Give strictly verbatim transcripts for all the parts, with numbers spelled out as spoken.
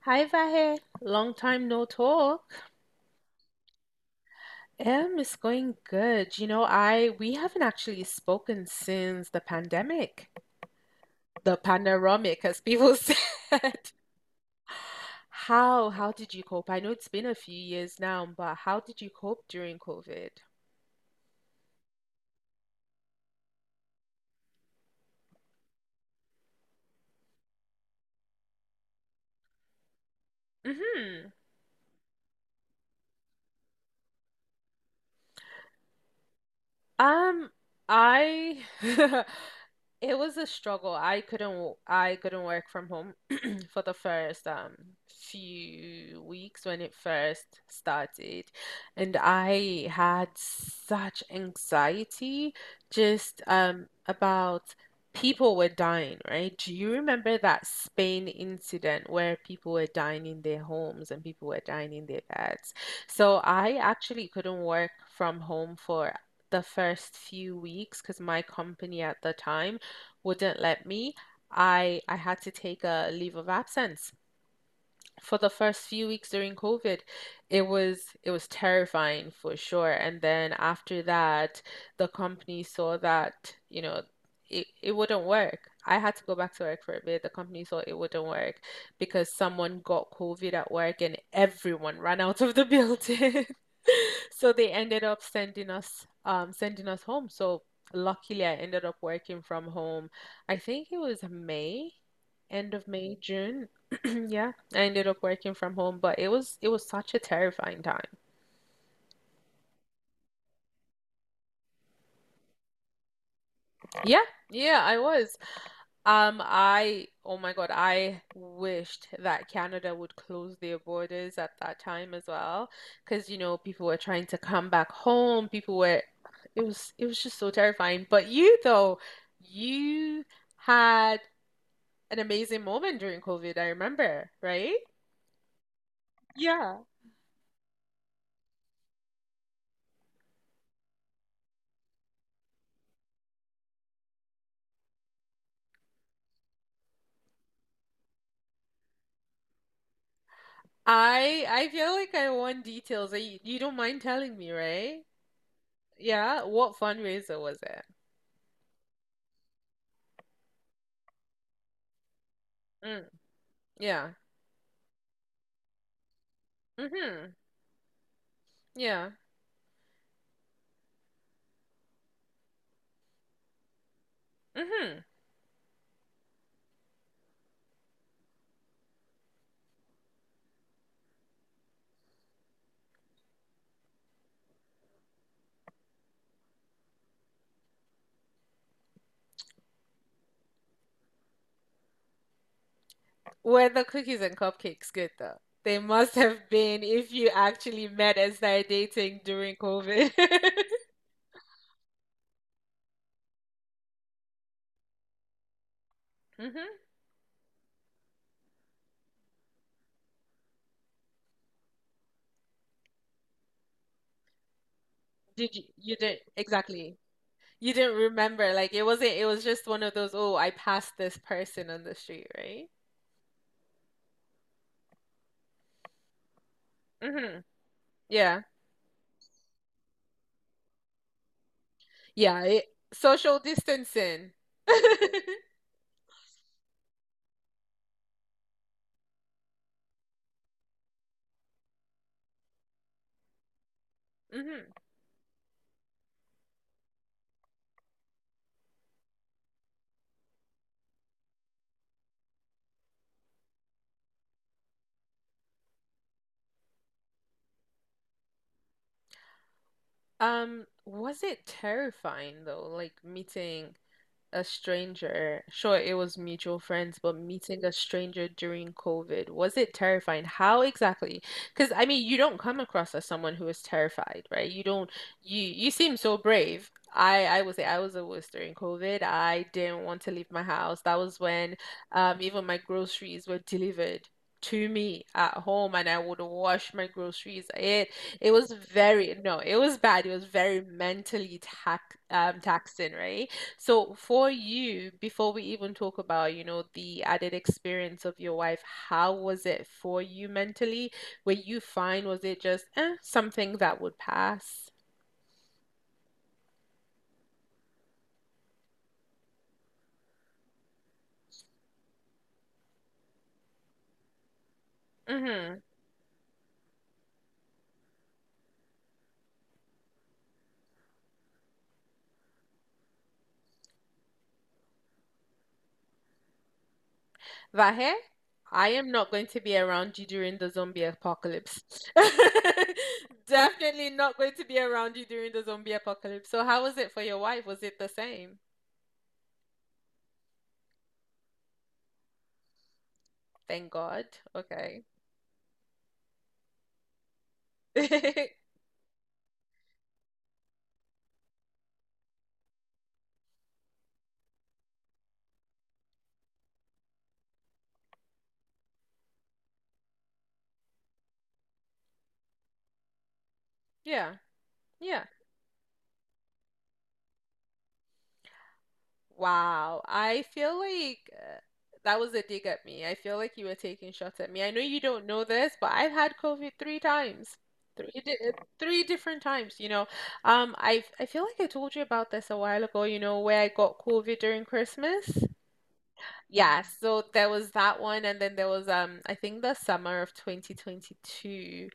Hi, Vahe. Long time no talk. Um, it's going good. You know, I we haven't actually spoken since the pandemic, the panoramic, as people said. How how did you cope? I know it's been a few years now, but how did you cope during COVID? Mm-hmm. Um, I It was a struggle. I couldn't w- I couldn't work from home for the first um few weeks when it first started. And I had such anxiety just um about people were dying, right? Do you remember that Spain incident where people were dying in their homes and people were dying in their beds? So I actually couldn't work from home for the first few weeks because my company at the time wouldn't let me. I I had to take a leave of absence for the first few weeks during COVID. It was it was terrifying for sure. And then after that, the company saw that, you know, it, it wouldn't work. I had to go back to work for a bit. The company thought it wouldn't work because someone got COVID at work and everyone ran out of the building. So they ended up sending us um sending us home. So luckily I ended up working from home. I think it was May, end of May, June. Yeah. I ended up working from home, but it was it was such a terrifying time. Yeah, yeah, I was. Um, I, oh my God, I wished that Canada would close their borders at that time as well, because you know people were trying to come back home. People were, it was it was just so terrifying. But you though, you had an amazing moment during COVID. I remember, right? Yeah. I I feel like I want details. You, you don't mind telling me, right? Yeah, what fundraiser was it? Mm, yeah. Mm-hmm. Yeah. Mm-hmm. Were the cookies and cupcakes good though? They must have been if you actually met and started dating during COVID. Mm-hmm. Did you you didn't exactly. You didn't remember. Like it wasn't it was just one of those, oh, I passed this person on the street, right? Mm-hmm. Yeah. Yeah, it, social distancing. Mm-hmm. Um, was it terrifying though, like meeting a stranger? Sure, it was mutual friends, but meeting a stranger during COVID, was it terrifying? How exactly? Because I mean, you don't come across as someone who is terrified, right? You don't you you seem so brave. I I would say I was the worst during COVID. I didn't want to leave my house. That was when um even my groceries were delivered to me at home, and I would wash my groceries. It it was very, no, it was bad. It was very mentally tax um taxing, right? So for you, before we even talk about, you know, the added experience of your wife, how was it for you mentally? Were you fine? Was it just eh, something that would pass? Mm-hmm. Vahe, I am not going to be around you during the zombie apocalypse. Definitely not going to be around you during the zombie apocalypse. So how was it for your wife? Was it the same? Thank God. Okay. Yeah. Yeah. Wow, I feel like uh, that was a dig at me. I feel like you were taking shots at me. I know you don't know this, but I've had COVID three times. Three di uh, three different times, you know. Um, I I feel like I told you about this a while ago, you know, where I got COVID during Christmas. Yeah, so there was that one and then there was um I think the summer of twenty twenty-two.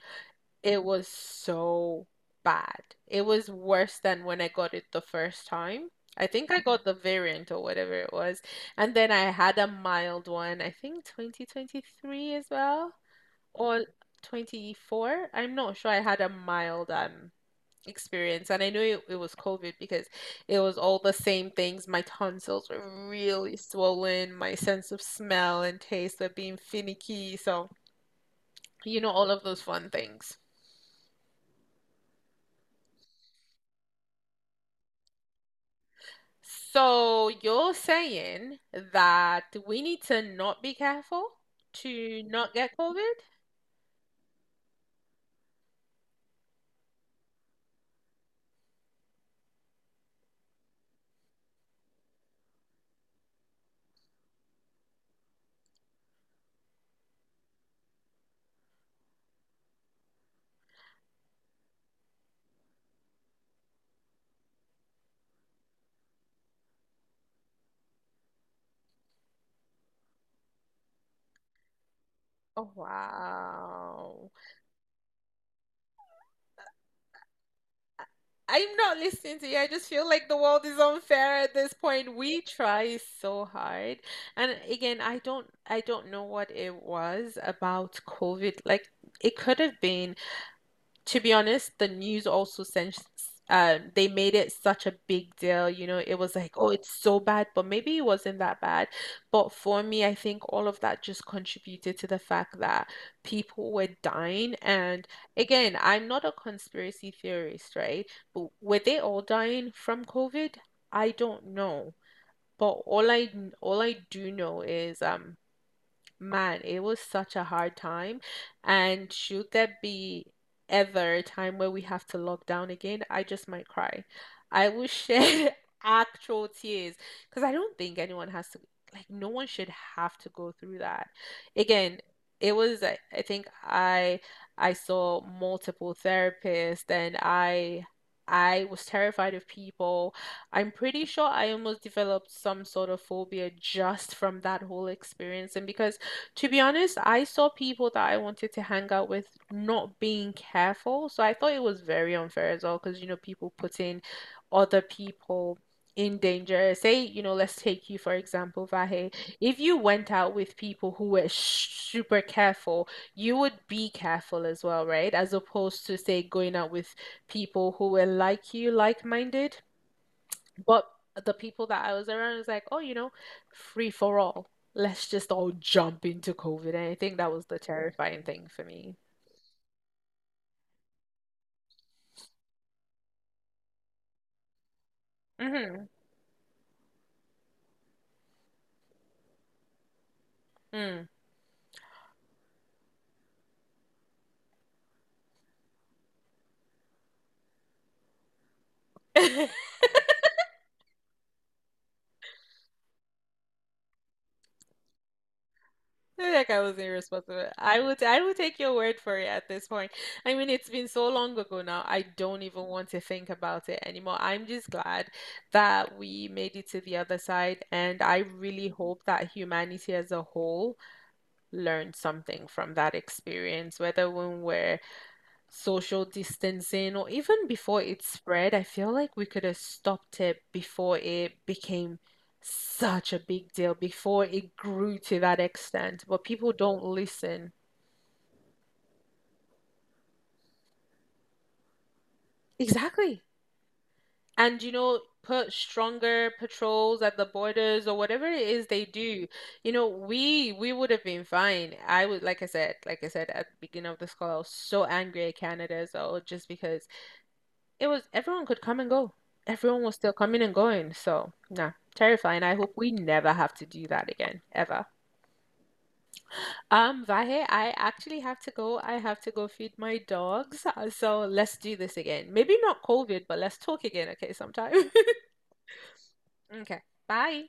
It was so bad. It was worse than when I got it the first time. I think I got the variant or whatever it was. And then I had a mild one, I think twenty twenty-three as well, or twenty-four. I'm not sure. I had a mild um experience. And I knew it, it was COVID because it was all the same things. My tonsils were really swollen. My sense of smell and taste were being finicky. So, you know, all of those fun things. So you're saying that we need to not be careful to not get COVID? Oh, wow. I'm not listening to you. I just feel like the world is unfair at this point. We try so hard. And again, I don't I don't know what it was about COVID. Like it could have been, to be honest, the news also sent, um, they made it such a big deal. You know, it was like, oh, it's so bad, but maybe it wasn't that bad. But for me, I think all of that just contributed to the fact that people were dying. And again, I'm not a conspiracy theorist, right? But were they all dying from COVID? I don't know. But all I all I do know is, um man, it was such a hard time. And should there be ever a time where we have to lock down again, I just might cry. I will shed actual tears because I don't think anyone has to, like, no one should have to go through that. Again, it was, I I think I I saw multiple therapists, and I I was terrified of people. I'm pretty sure I almost developed some sort of phobia just from that whole experience. And because, to be honest, I saw people that I wanted to hang out with not being careful. So I thought it was very unfair as well because, you know, people putting other people in danger. Say, you know, let's take you for example, Vahe. If you went out with people who were sh super careful, you would be careful as well, right? As opposed to, say, going out with people who were like you, like-minded. But the people that I was around was like, oh, you know, free for all. Let's just all jump into COVID. And I think that was the terrifying thing for me. Mm-hmm. Mm. I feel like I was irresponsible. I would I would take your word for it at this point. I mean, it's been so long ago now. I don't even want to think about it anymore. I'm just glad that we made it to the other side, and I really hope that humanity as a whole learned something from that experience, whether when we're social distancing or even before it spread. I feel like we could have stopped it before it became such a big deal, before it grew to that extent. But people don't listen. Exactly. And you know, put stronger patrols at the borders or whatever it is they do. You know, we we would have been fine. I would, like I said, like I said at the beginning of this call, I was so angry at Canada as well, just because it was everyone could come and go. Everyone was still coming and going. So, nah, terrifying. I hope we never have to do that again, ever. Um, Vahe, I actually have to go. I have to go feed my dogs. Uh, So let's do this again. Maybe not COVID, but let's talk again, okay, sometime. Okay, bye.